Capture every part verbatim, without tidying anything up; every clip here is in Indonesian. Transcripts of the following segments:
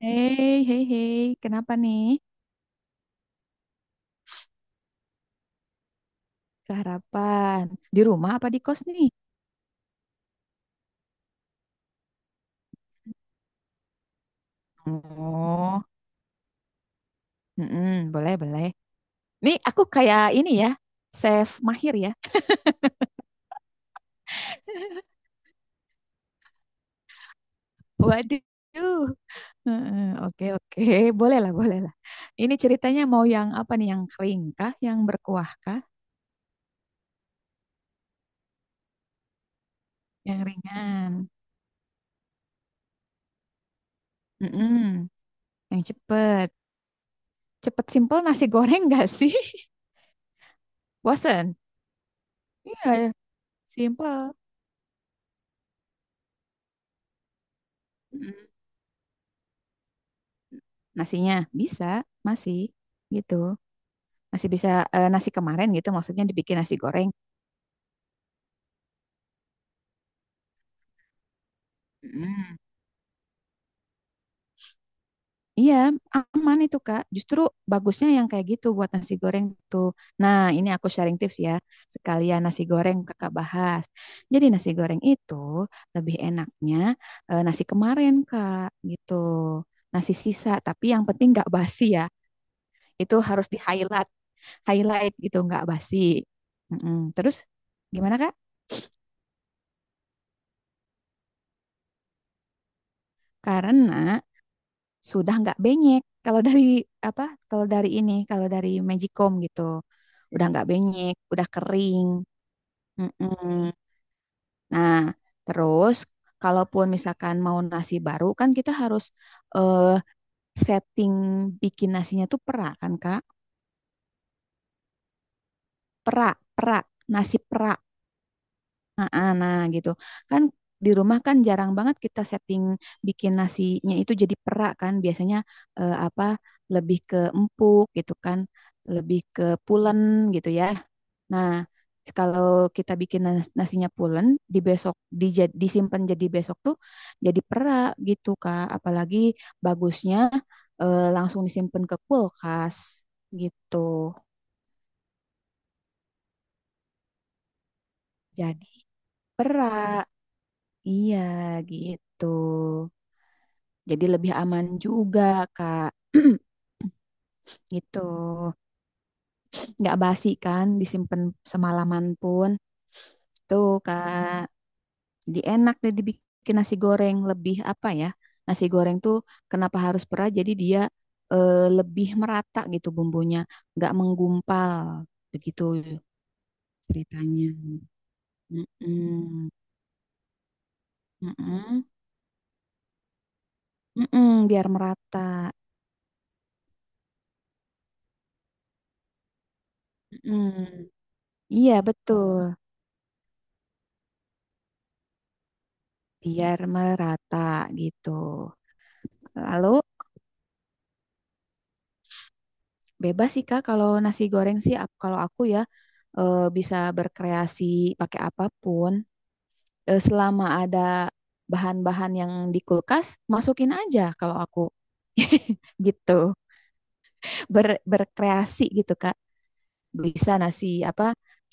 Hei, hei, hei, kenapa nih? Keharapan. Di rumah apa di kos nih? Oh, mm-mm, boleh, boleh. Nih, aku kayak ini ya, chef mahir ya. Waduh. Heeh. Oke, oke. Boleh lah, boleh lah. Ini ceritanya mau yang apa nih? Yang kering kah? Yang berkuah kah? Yang ringan? Mm-mm, yang cepet. Cepet simple nasi goreng gak sih? Bosen? Iya, simple. Nasinya bisa masih gitu, masih bisa, eh, nasi kemarin gitu maksudnya, dibikin nasi goreng. Mm. Iya, aman itu Kak. Justru bagusnya yang kayak gitu buat nasi goreng tuh. Nah, ini aku sharing tips ya. Sekalian nasi goreng Kakak bahas. Jadi nasi goreng itu lebih enaknya eh, nasi kemarin Kak, gitu. Nasi sisa, tapi yang penting nggak basi ya. Itu harus di highlight, highlight gitu, nggak basi. Mm-mm. Terus gimana Kak? Karena sudah nggak benyek. Kalau dari apa? Kalau dari ini, kalau dari Magicom gitu, udah nggak benyek, udah kering. Mm-mm. Nah, terus kalaupun misalkan mau nasi baru, kan kita harus eh, setting bikin nasinya tuh perak kan Kak? Perak, perak, nasi perak. Nah, nah gitu. Kan di rumah kan jarang banget kita setting bikin nasinya itu jadi perak kan. Biasanya eh, apa lebih ke empuk gitu kan, lebih ke pulen gitu ya. Nah, kalau kita bikin nas- nasinya pulen, di besok dija- disimpan, jadi besok tuh jadi perak gitu Kak. Apalagi bagusnya eh, langsung disimpan ke kulkas gitu. Jadi perak. Iya, gitu. Jadi lebih aman juga, Kak. Gitu. Nggak basi kan, disimpan semalaman pun. Tuh, Kak. Jadi enak deh dibikin nasi goreng, lebih apa ya? Nasi goreng tuh kenapa harus perah? Jadi dia eh, lebih merata gitu bumbunya, nggak menggumpal. Begitu ceritanya. Mm-mm. Mm-mm. Mm-mm, biar merata. Mm-mm. Iya, betul. Biar merata gitu. Lalu bebas sih Kak kalau nasi goreng sih, ak- kalau aku ya, eh, bisa berkreasi pakai apapun. Eh, selama ada bahan-bahan yang di kulkas, masukin aja kalau aku. Gitu. Ber- berkreasi gitu Kak, bisa nasi apa,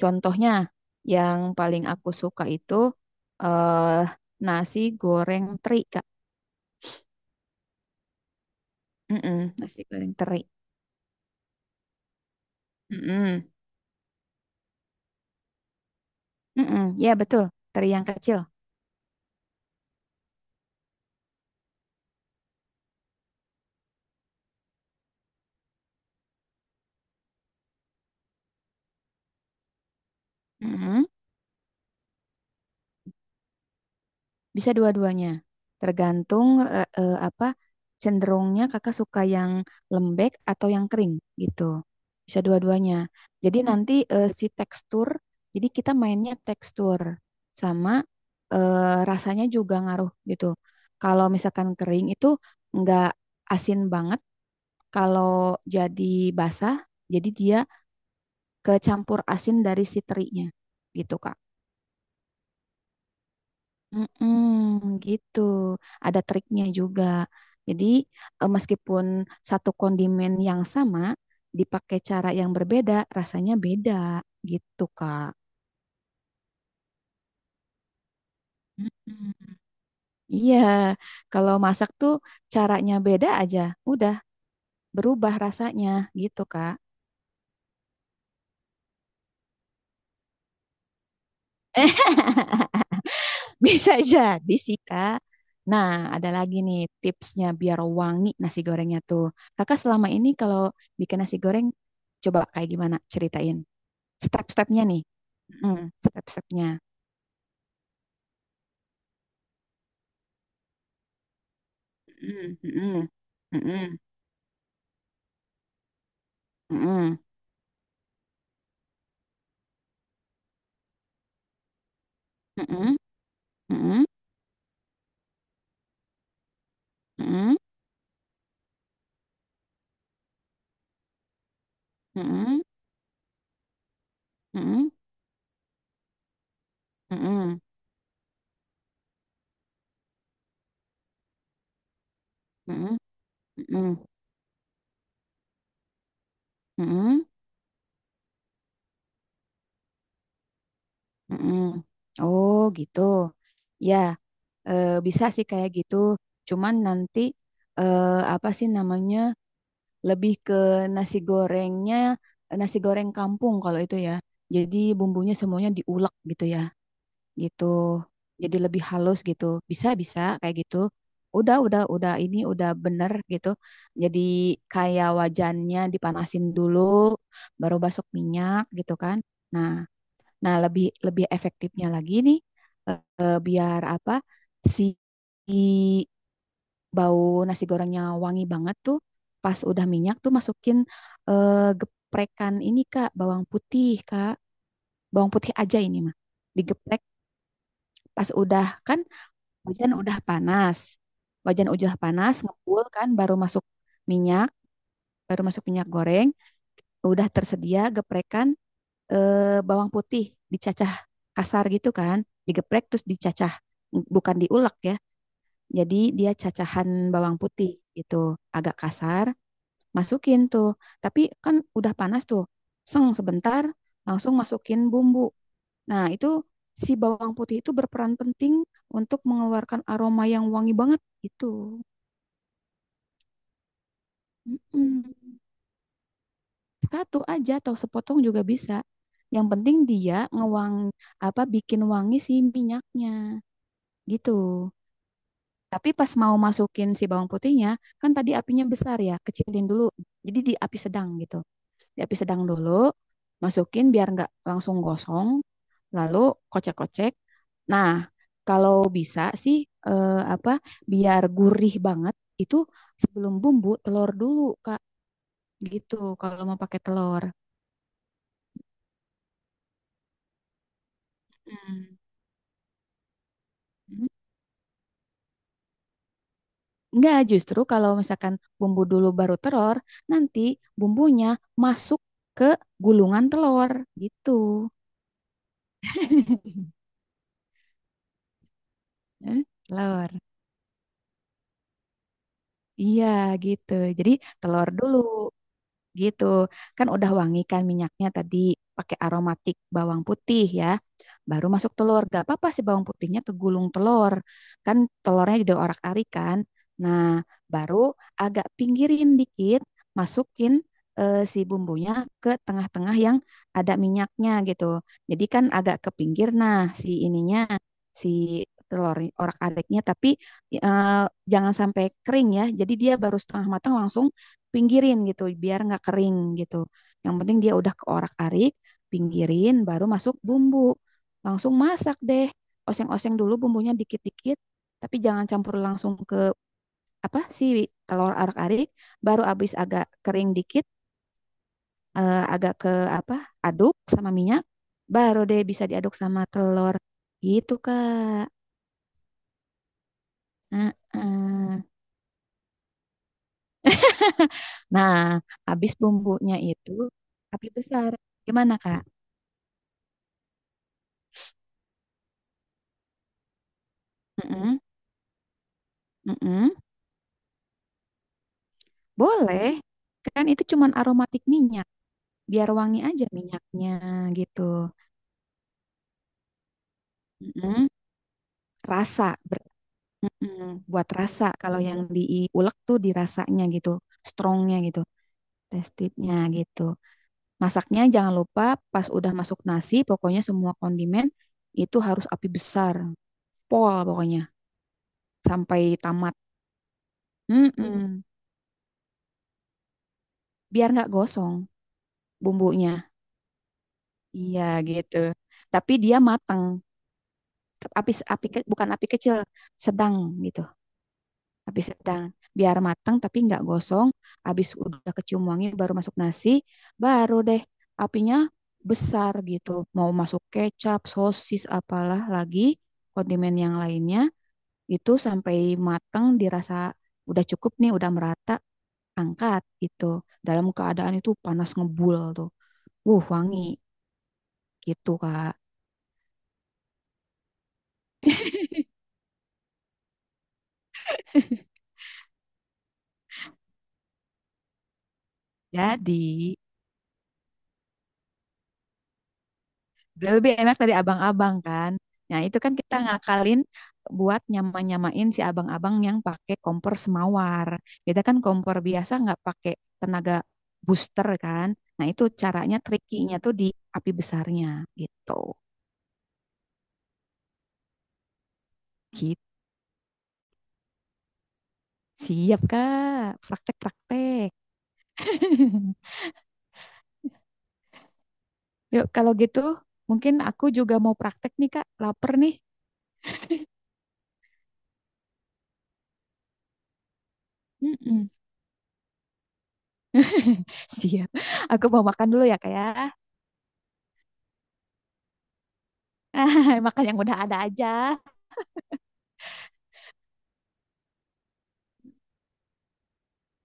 contohnya yang paling aku suka itu eh nasi goreng teri Kak. Mm-mm, nasi goreng teri. Mm-mm, mm-mm. Ya betul, teri yang kecil. Mm-mm. Bisa dua-duanya. Tergantung eh, eh, apa, cenderungnya kakak suka yang lembek atau yang kering gitu. Bisa dua-duanya. Jadi nanti eh, si tekstur, jadi kita mainnya tekstur sama eh, rasanya juga ngaruh gitu. Kalau misalkan kering itu nggak asin banget. Kalau jadi basah, jadi dia kecampur asin dari si terinya gitu, Kak. Mm-mm, gitu. Ada triknya juga. Jadi, eh, meskipun satu kondimen yang sama, dipakai cara yang berbeda, rasanya beda gitu, Kak. Mm-mm. Iya, kalau masak tuh caranya beda aja. Udah, berubah rasanya gitu, Kak. Eh, bisa jadi sih, Kak. Nah, ada lagi nih tipsnya biar wangi nasi gorengnya tuh. Kakak selama ini kalau bikin nasi goreng coba kayak gimana? Ceritain. Step-stepnya nih. Mhm, step-stepnya. Mhm, mhm, mhm, mhm, mhm, mhm, mhm, mhm, mhm, mhm, mhm, mhm, mhm, mhm. Oh, gitu. Ya, eh, bisa sih kayak gitu. Cuman nanti eh, apa sih namanya? Lebih ke nasi gorengnya, nasi goreng kampung kalau itu ya. Jadi bumbunya semuanya diulek gitu ya. Gitu. Jadi lebih halus gitu. Bisa, bisa kayak gitu. Udah udah udah ini udah bener gitu. Jadi kayak wajannya dipanasin dulu, baru basok minyak gitu kan. Nah, nah lebih lebih efektifnya lagi nih, eh, eh, biar apa si si bau nasi gorengnya wangi banget tuh, pas udah minyak tuh masukin eh, geprekan ini Kak, bawang putih Kak. Bawang putih aja ini mah. Digeprek pas udah kan, wajan udah panas. Wajan udah panas, ngebul kan, baru masuk minyak, baru masuk minyak goreng, udah tersedia geprekan eh, bawang putih dicacah kasar gitu kan, digeprek terus dicacah, bukan diulek ya. Jadi dia cacahan bawang putih gitu, agak kasar, masukin tuh. Tapi kan udah panas tuh. Seng sebentar, langsung masukin bumbu. Nah, itu si bawang putih itu berperan penting untuk mengeluarkan aroma yang wangi banget gitu. Mm-mm. Satu aja atau sepotong juga bisa. Yang penting dia ngewang, apa, bikin wangi si minyaknya gitu. Tapi pas mau masukin si bawang putihnya, kan tadi apinya besar ya, kecilin dulu. Jadi di api sedang gitu. Di api sedang dulu, masukin biar nggak langsung gosong. Lalu kocek-kocek. Nah, kalau bisa sih eh, apa biar gurih banget itu, sebelum bumbu telur dulu, Kak. Gitu kalau mau pakai telur. Hmm. Enggak, justru kalau misalkan bumbu dulu baru telur, nanti bumbunya masuk ke gulungan telur gitu. Eh, Telur. Iya, gitu. Jadi telur dulu. Gitu. Kan udah wangi kan minyaknya tadi, pakai aromatik bawang putih ya. Baru masuk telur. Gak apa-apa sih bawang putihnya kegulung telur. Kan telurnya diorak-arik kan. Nah, baru agak pinggirin dikit, masukin eh, si bumbunya ke tengah-tengah yang ada minyaknya gitu. Jadi kan agak ke pinggir, nah si ininya, si telur orak-ariknya, tapi eh, jangan sampai kering ya. Jadi dia baru setengah matang langsung pinggirin gitu biar nggak kering gitu. Yang penting dia udah keorak-arik, pinggirin, baru masuk bumbu. Langsung masak deh. Oseng-oseng dulu bumbunya dikit-dikit, tapi jangan campur langsung ke apa, si telur arak-arik, baru abis agak kering dikit, eh, agak ke apa? Aduk sama minyak, baru deh bisa diaduk sama telur. Gitu, Kak. Heeh. Nah, habis bumbunya itu api besar. Gimana, Kak? Mm-mm, mm-mm. Boleh, kan itu cuman aromatik minyak, biar wangi aja minyaknya gitu. Mm-mm. Rasa, ber- mm-mm. Buat rasa kalau yang diulek tuh dirasanya gitu, strongnya gitu, testednya gitu. Masaknya jangan lupa, pas udah masuk nasi, pokoknya semua kondimen itu harus api besar, pol pokoknya sampai tamat. Mm-mm. Biar nggak gosong bumbunya. Iya gitu. Tapi dia matang. Api api ke- bukan api kecil, sedang gitu. Api sedang, biar matang tapi nggak gosong. Habis udah kecium wangi baru masuk nasi, baru deh apinya besar gitu, mau masuk kecap, sosis, apalah lagi kondimen yang lainnya, itu sampai matang dirasa udah cukup nih, udah merata, angkat gitu. Dalam keadaan itu panas ngebul tuh, wuh wangi gitu Kak. Jadi dia lebih enak dari abang-abang kan. Nah, itu kan kita ngakalin buat nyama-nyamain si abang-abang yang pakai kompor semawar. Kita kan kompor biasa, nggak pakai tenaga booster kan. Nah, itu caranya, trikinya tuh di api besarnya gitu. Gitu. Siap, Kak. Praktek-praktek. Yuk, kalau gitu mungkin aku juga mau praktek nih, Kak. Laper nih. Mm-mm. Siap. Aku mau makan dulu ya, Kak ya. Makan yang udah ada aja.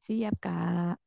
Siap, Kak.